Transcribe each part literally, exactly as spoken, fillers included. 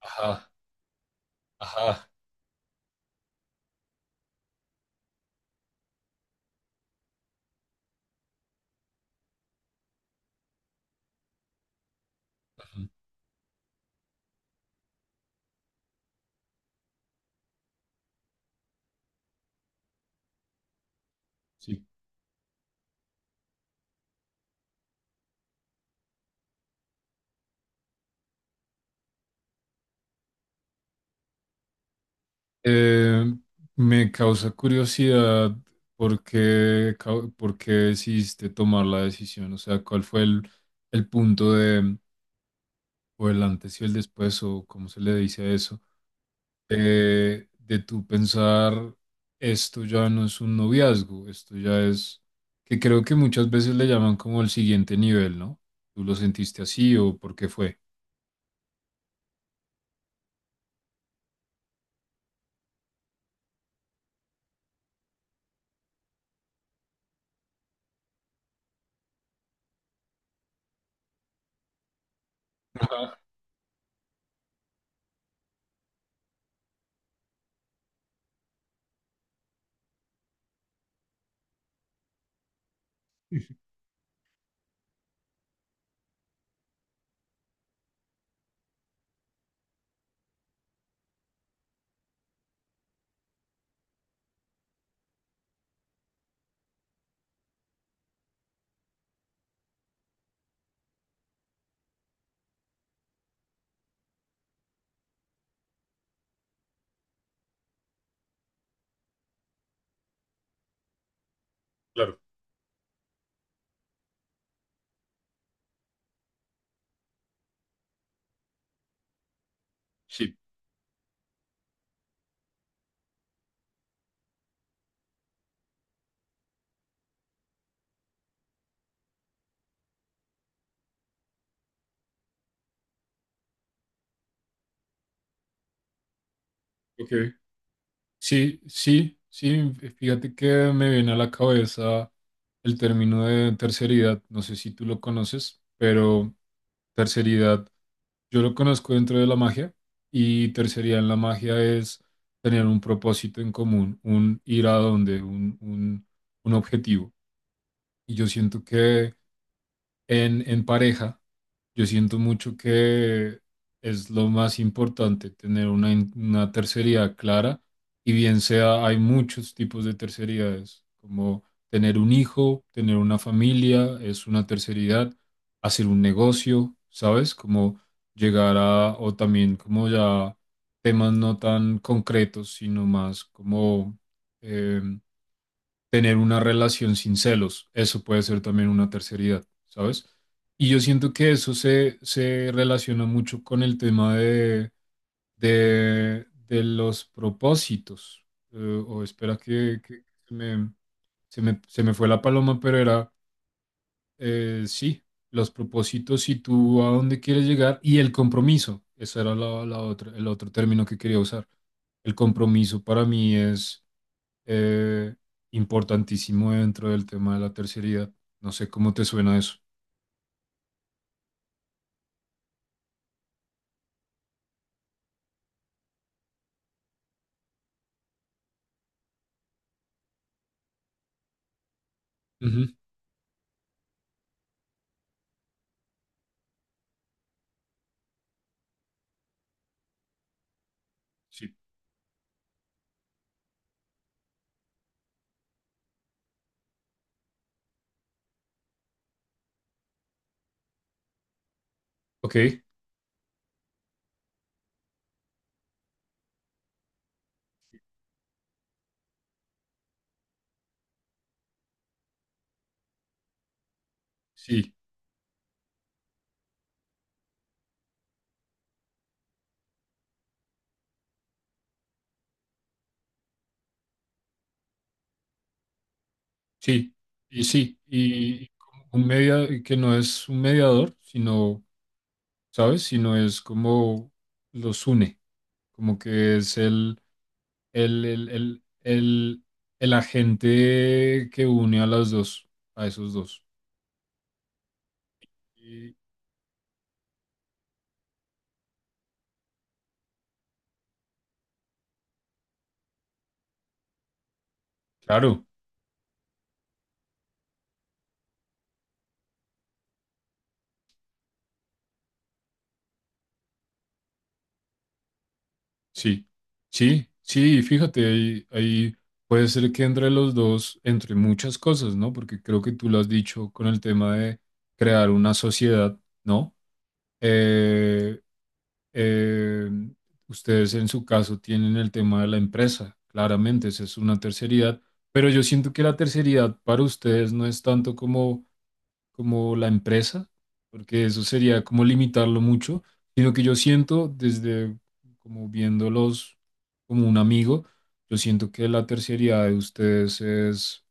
Ajá, ajá, ajá, sí. Eh, Me causa curiosidad por qué, cau- por qué decidiste tomar la decisión, o sea, cuál fue el, el punto de, o el antes y el después, o cómo se le dice a eso, de, de tú pensar, esto ya no es un noviazgo, esto ya es, que creo que muchas veces le llaman como el siguiente nivel, ¿no? ¿Tú lo sentiste así o por qué fue? Ajá, claro, sí, ok. Sí, sí, sí, fíjate que me viene a la cabeza el término de terceridad, no sé si tú lo conoces, pero terceridad, yo lo conozco dentro de la magia y terceridad en la magia es tener un propósito en común, un ir a donde, un, un, un objetivo. Y yo siento que en, en pareja yo siento mucho que es lo más importante tener una, in- una tercería clara y bien sea, hay muchos tipos de tercerías, como tener un hijo, tener una familia, es una terceridad, hacer un negocio, ¿sabes? Como llegar a, o también como ya temas no tan concretos, sino más como em, tener una relación sin celos. Eso puede ser también una terceridad, ¿sabes? Y yo siento que eso se, se relaciona mucho con el tema de, de, de los propósitos. Eh, o espera que, que se me, se me, se me fue la paloma, pero era, eh, sí, los propósitos y tú a dónde quieres llegar y el compromiso. Ese era la, la otra, el otro término que quería usar. El compromiso para mí es eh, importantísimo dentro del tema de la terceridad. No sé cómo te suena eso. Ujú, sí. Ok. Sí. Sí. Y sí. Y como un media que no es un mediador, sino, ¿sabes? Sino es como los une. Como que es el, el, el, el, el, el agente que une a las dos, a esos dos. Y claro. Sí, sí, sí, fíjate, ahí, ahí puede ser que entre los dos, entre muchas cosas, ¿no? Porque creo que tú lo has dicho con el tema de crear una sociedad, ¿no? Eh, eh, ustedes en su caso tienen el tema de la empresa, claramente, esa es una terceridad, pero yo siento que la terceridad para ustedes no es tanto como como la empresa, porque eso sería como limitarlo mucho, sino que yo siento desde como viéndolos como un amigo, yo siento que la terciaridad de ustedes es,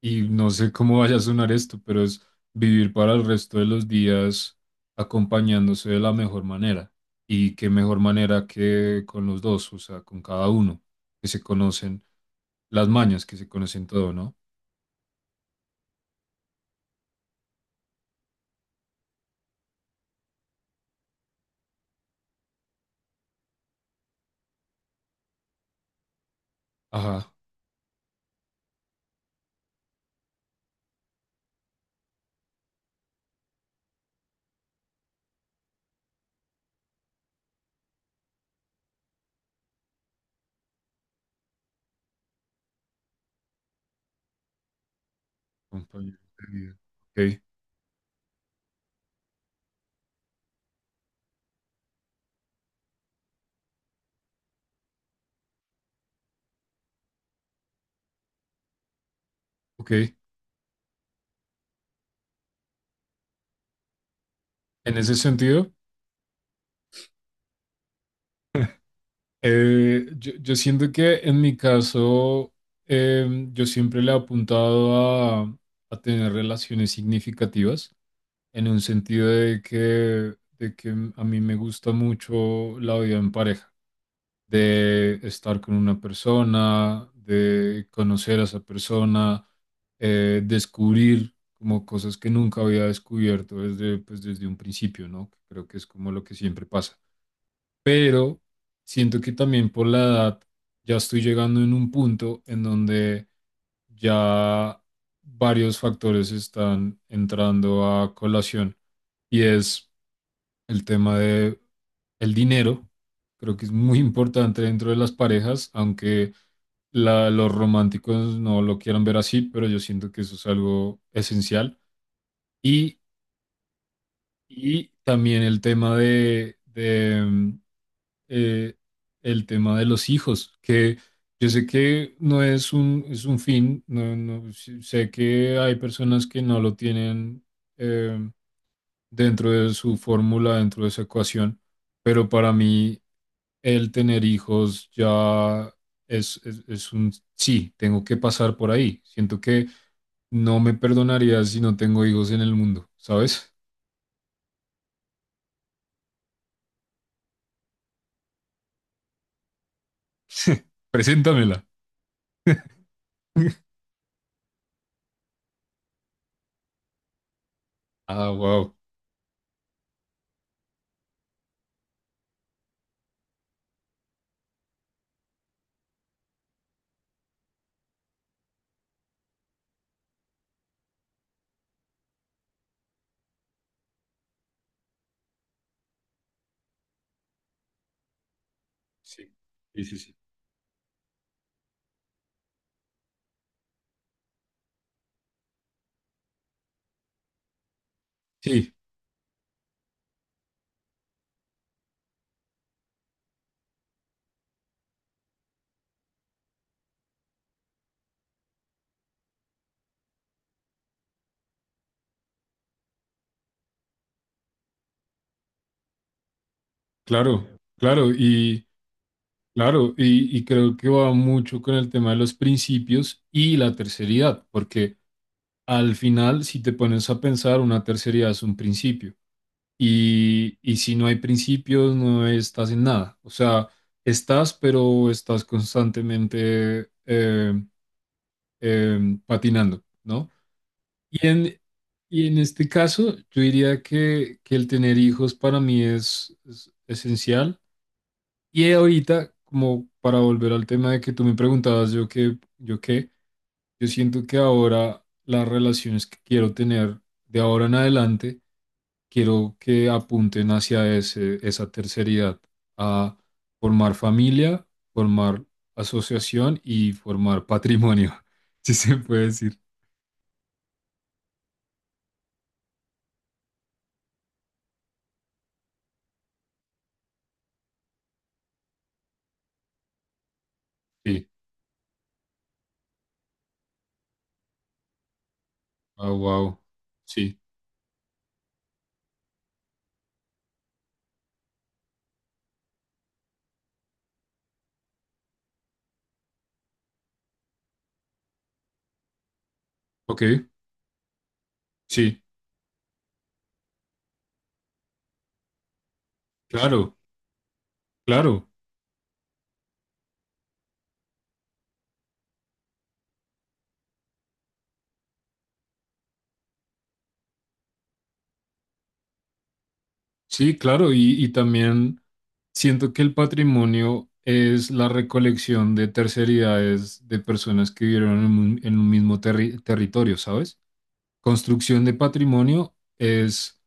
y no sé cómo vaya a sonar esto, pero es vivir para el resto de los días acompañándose de la mejor manera. Y qué mejor manera que con los dos, o sea, con cada uno, que se conocen las mañas, que se conocen todo, ¿no? Ajá, compañero de vida. Ok, ok. En ese sentido, eh, yo, yo siento que en mi caso, em, yo siempre le he apuntado a, a tener relaciones significativas, en un sentido de que, de que a mí me gusta mucho la vida en pareja, de estar con una persona, de conocer a esa persona, eh, descubrir como cosas que nunca había descubierto desde, pues, desde un principio, ¿no? Creo que es como lo que siempre pasa, pero siento que también por la edad ya estoy llegando en un punto en donde ya varios factores están entrando a colación y es el tema de el dinero. Creo que es muy importante dentro de las parejas, aunque la- los románticos no lo quieran ver así, pero yo siento que eso es algo esencial. Y y también el tema de, de, mm, eh, el tema de los hijos, que yo sé que no es un, es un fin, no, no, sí- sé que hay personas que no lo tienen, eh, dentro de su fórmula, dentro de esa ecuación, pero para mí el tener hijos ya es, es, es un sí, tengo que pasar por ahí. Siento que no me perdonaría si no tengo hijos en el mundo, ¿sabes? Preséntamela. Ah, wow. Sí, sí, sí, sí. Sí, claro, claro, y claro, y, y creo que va mucho con el tema de los principios y la terceridad, porque al final, si te pones a pensar, una terceridad es un principio, y, y si no hay principios, no estás en nada, o sea, estás, pero estás constantemente eh, eh, patinando, ¿no? Y en, y en este caso, yo diría que, que el tener hijos para mí es, es esencial. Y ahorita, como para volver al tema de que tú me preguntabas, yo qué, yo qué, yo siento que ahora las relaciones que quiero tener de ahora en adelante, quiero que apunten hacia ese, esa terceridad, a formar familia, formar asociación y formar patrimonio, si se puede decir. Sí. Ah, wow. Sí. Ok. Sí, claro, claro, sí, claro. Y, y también siento que el patrimonio es la recolección de terceridades de personas que vivieron en un, en un mismo terri- territorio, ¿sabes? Construcción de patrimonio es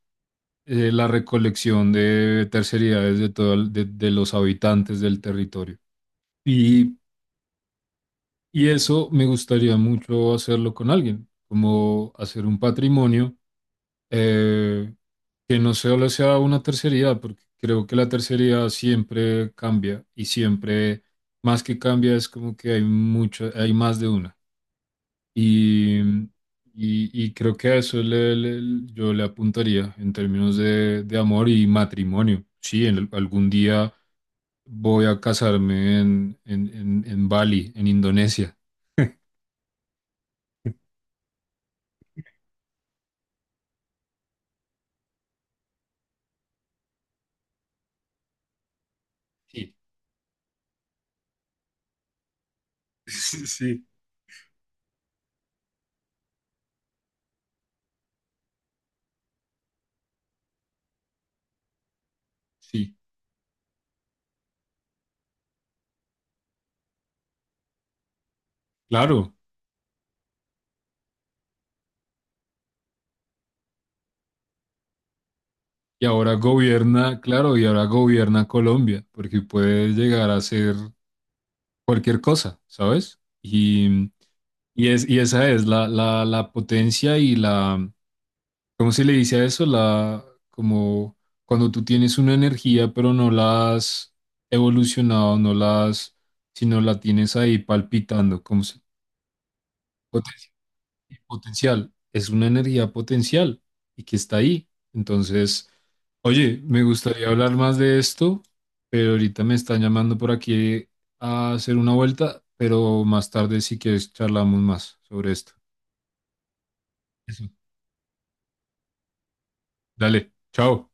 eh, la recolección de terceridades de, todo el- de, de los habitantes del territorio. Y, y eso me gustaría mucho hacerlo con alguien, como hacer un patrimonio. Eh, que no solo sea una tercería, porque creo que la tercería siempre cambia y siempre, más que cambia, es como que hay mucho, hay más de una. Y, y, y creo que a eso le- le- yo le apuntaría en términos de, de amor y matrimonio. Sí, en, algún día voy a casarme en, en, en, en Bali, en Indonesia. Sí. Sí, sí. Sí, claro. Y ahora gobierna, claro, y ahora gobierna Colombia, porque puede llegar a ser cualquier cosa, ¿sabes? Y, y, es, y esa es la, la, la potencia y la, ¿cómo se le dice a eso? La, como cuando tú tienes una energía, pero no la has evolucionado, no la has, sino la tienes ahí palpitando, como se... Potencial, es una energía potencial y que está ahí. Entonces, oye, me gustaría hablar más de esto, pero ahorita me están llamando por aquí a hacer una vuelta, pero más tarde si quieres charlamos más sobre esto. Eso. Dale, chao.